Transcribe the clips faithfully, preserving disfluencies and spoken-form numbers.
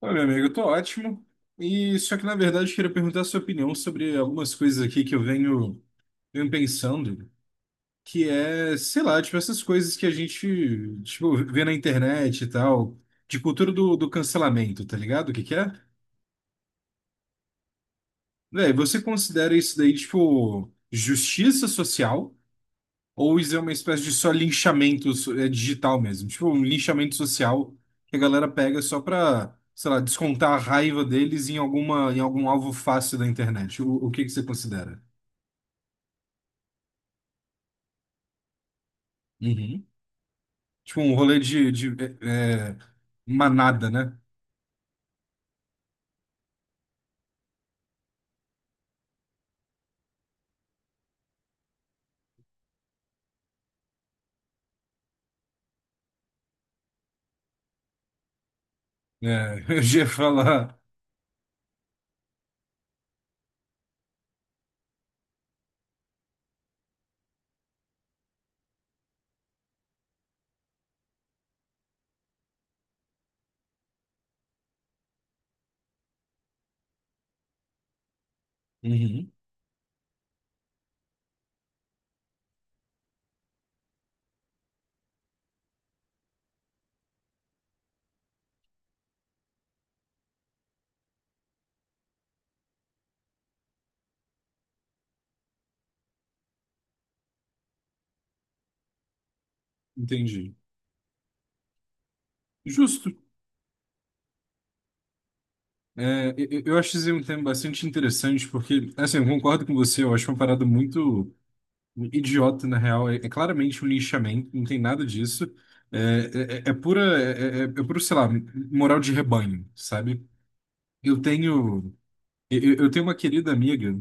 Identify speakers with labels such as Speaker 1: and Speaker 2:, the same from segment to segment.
Speaker 1: Olha meu amigo, eu tô ótimo. E só que na verdade eu queria perguntar a sua opinião sobre algumas coisas aqui que eu venho, venho pensando, que é, sei lá, tipo essas coisas que a gente, tipo, vê na internet e tal, de cultura do, do cancelamento, tá ligado? O que que é? Véi, você considera isso daí, tipo, justiça social? Ou isso é uma espécie de só linchamento so- é, digital mesmo. Tipo, um linchamento social que a galera pega só pra, sei lá, descontar a raiva deles em alguma, em algum alvo fácil da internet. O, o que que você considera? Uhum. Tipo, um rolê de, de é, é, manada, né? É, eu já ia falar. Uhum. Entendi. Justo. É, eu, eu acho esse um tema bastante interessante, porque, assim, eu concordo com você, eu acho uma parada muito. Um idiota, na real. É, é claramente um lixamento, não tem nada disso. É, é, é é pura, é, é, é puro, sei lá, moral de rebanho, sabe? Eu tenho, eu, eu tenho uma querida amiga,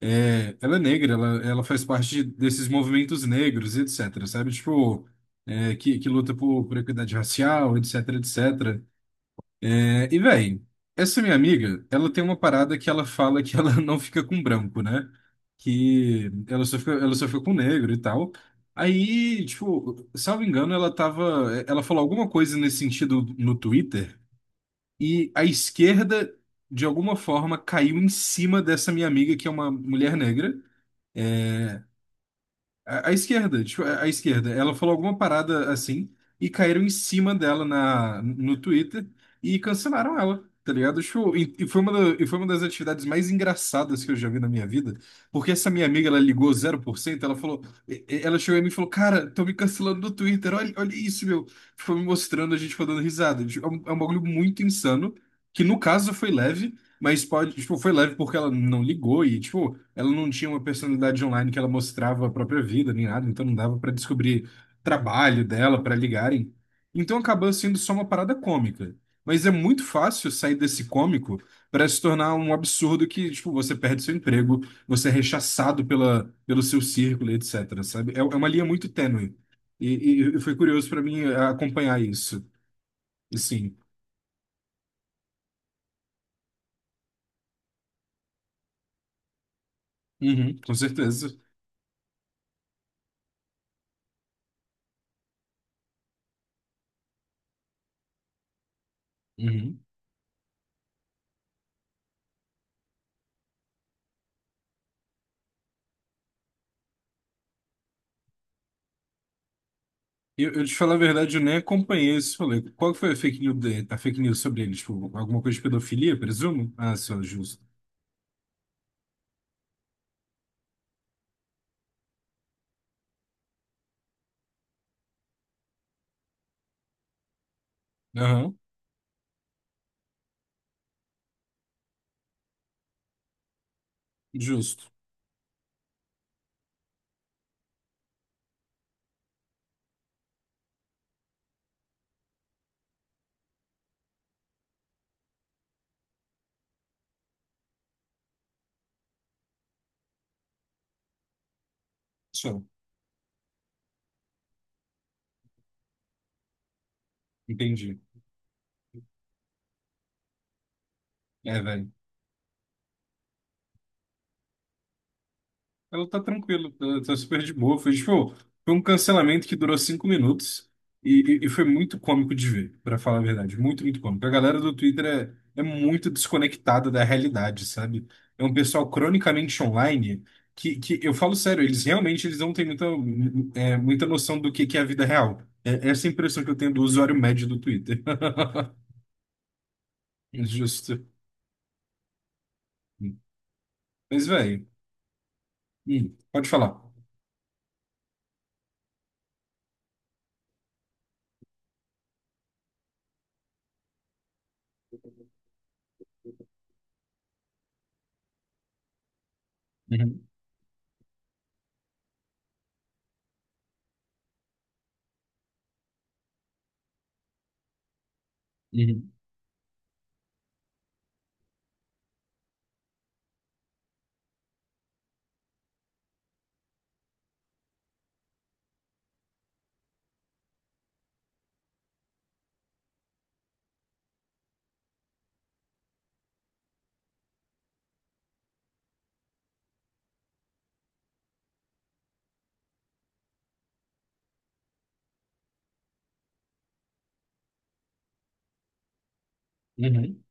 Speaker 1: é, ela é negra, ela, ela faz parte desses movimentos negros, etc, sabe? Tipo, é, que, que luta por, por equidade racial, etc, etecétera. É, e, véi, essa minha amiga, ela tem uma parada que ela fala que ela não fica com branco, né? Que ela só fica, ela só fica com negro e tal. Aí, tipo, salvo engano, ela tava, ela falou alguma coisa nesse sentido no Twitter e a esquerda, de alguma forma, caiu em cima dessa minha amiga, que é uma mulher negra. É, a, a esquerda, tipo, a, a esquerda, ela falou alguma parada assim e caíram em cima dela na, no Twitter e cancelaram ela, tá ligado? Tipo, e, e foi uma da- e foi uma das atividades mais engraçadas que eu já vi na minha vida, porque essa minha amiga, ela ligou zero por cento ela falou, e- e- ela chegou em mim e falou, cara, tô me cancelando do Twitter, olha, olha isso, meu. Foi me mostrando, a gente foi dando risada. Tipo, É um, é um bagulho muito insano, que no caso foi leve, mas pode, tipo, foi leve porque ela não ligou e, tipo, ela não tinha uma personalidade online que ela mostrava a própria vida nem nada, então não dava pra descobrir trabalho dela pra ligarem. Então acabou sendo só uma parada cômica. Mas é muito fácil sair desse cômico pra se tornar um absurdo que, tipo, você perde seu emprego, você é rechaçado pela, pelo seu círculo, e etc, sabe? É, é uma linha muito tênue. E, e, e foi curioso pra mim acompanhar isso. E Sim. Uhum, com certeza. Uhum. Eu, eu te falar a verdade, eu nem acompanhei esse rolê. Qual que foi a fake news, de- a fake news sobre ele? Tipo, alguma coisa de pedofilia, presumo? Ah, só, justo. Aham, justo. Só, entendi. É, velho. Ela tá tranquila, tá tá super de boa. Foi, tipo, foi um cancelamento que durou cinco minutos e, e, e foi muito cômico de ver, pra falar a verdade. Muito, muito cômico. A galera do Twitter é, é muito desconectada da realidade, sabe? É um pessoal cronicamente online que, que eu falo sério, eles realmente eles não têm muita, é, muita noção do que, que é a vida real. É, essa é a impressão que eu tenho do usuário médio do Twitter. Justo. Mas, velho, pode falar. Uhum, uhum, uhum.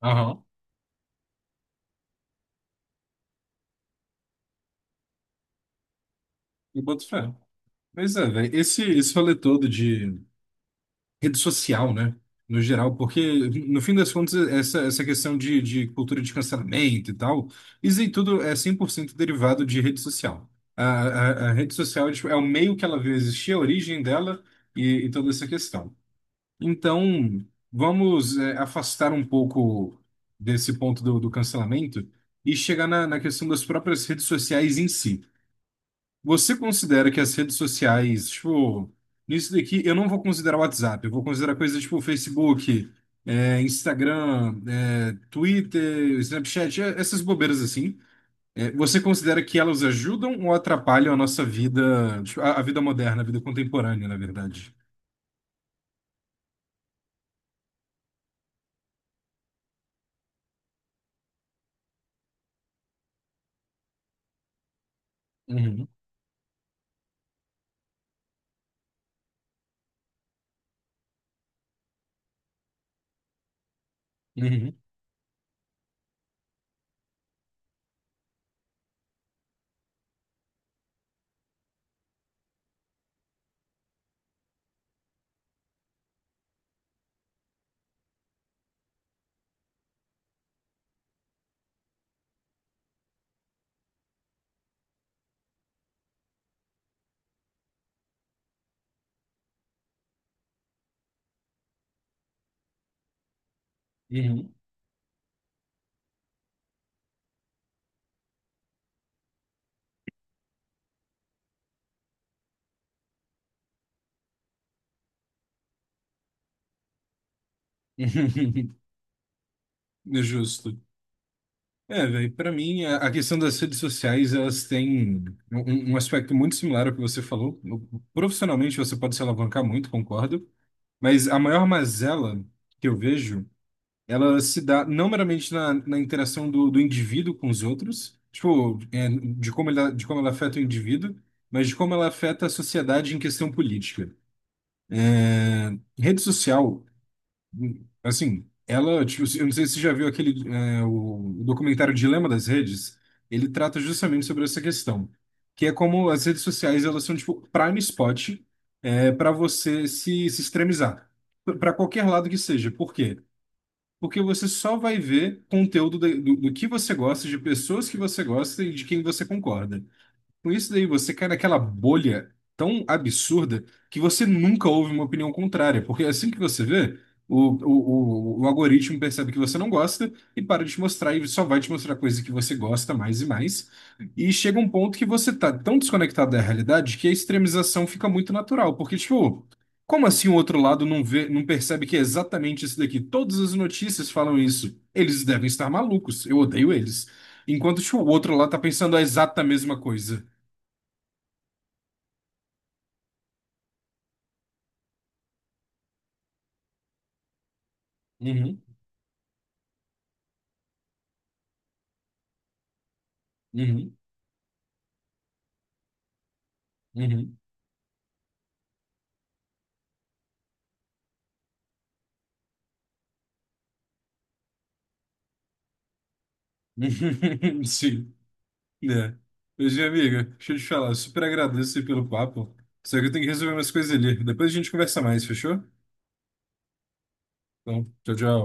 Speaker 1: Aham. Eu boto fé. Pois é, velho. Esse, esse rolê todo de rede social, né? No geral, porque, no fim das contas, essa, essa questão de, de cultura de cancelamento e tal, isso em tudo é cem por cento derivado de rede social. A, a, a rede social, tipo, é o meio que ela veio existir, a origem dela e, e toda essa questão. Então, vamos, é, afastar um pouco desse ponto do, do cancelamento e chegar na, na questão das próprias redes sociais em si. Você considera que as redes sociais, tipo, nisso daqui eu não vou considerar o WhatsApp, eu vou considerar coisas tipo Facebook, é, Instagram, é, Twitter, Snapchat, é, essas bobeiras assim. É, você considera que elas ajudam ou atrapalham a nossa vida, tipo, a, a vida moderna, a vida contemporânea, na verdade? Uhum, uhum, uhum, uhum. É Justo. É, velho, pra mim, a a questão das redes sociais, elas têm um, um um aspecto muito similar ao que você falou. Profissionalmente, você pode se alavancar muito, concordo, mas a maior mazela que eu vejo, ela se dá não meramente na, na interação do, do indivíduo com os outros, tipo, é, de como ela, de como ela afeta o indivíduo, mas de como ela afeta a sociedade em questão política. Rede social, Assim, ela, tipo, eu não sei se você já viu aquele, é, o documentário Dilema das Redes, ele trata justamente sobre essa questão, que é como as redes sociais, elas são, tipo, prime spot, é, para você se, se extremizar, para qualquer lado que seja. Por quê? Porque você só vai ver conteúdo da- do, do que você gosta, de pessoas que você gosta e de quem você concorda. Com isso daí, você cai naquela bolha tão absurda que você nunca ouve uma opinião contrária, porque assim que você vê, o, o, o, o algoritmo percebe que você não gosta e para de te mostrar e só vai te mostrar coisa que você gosta mais e mais. E chega um ponto que você tá tão desconectado da realidade que a extremização fica muito natural, porque, tipo, como assim o outro lado não vê, não percebe que é exatamente isso daqui? Todas as notícias falam isso. Eles devem estar malucos, eu odeio eles. Enquanto, tipo, o outro lá tá pensando a exata mesma coisa. Uhum, uhum, uhum. Sim, né? Mas, minha amiga, deixa eu te falar, super agradeço aí pelo papo. Só que eu tenho que resolver umas coisas ali. Depois a gente conversa mais, fechou? Então, tchau, tchau.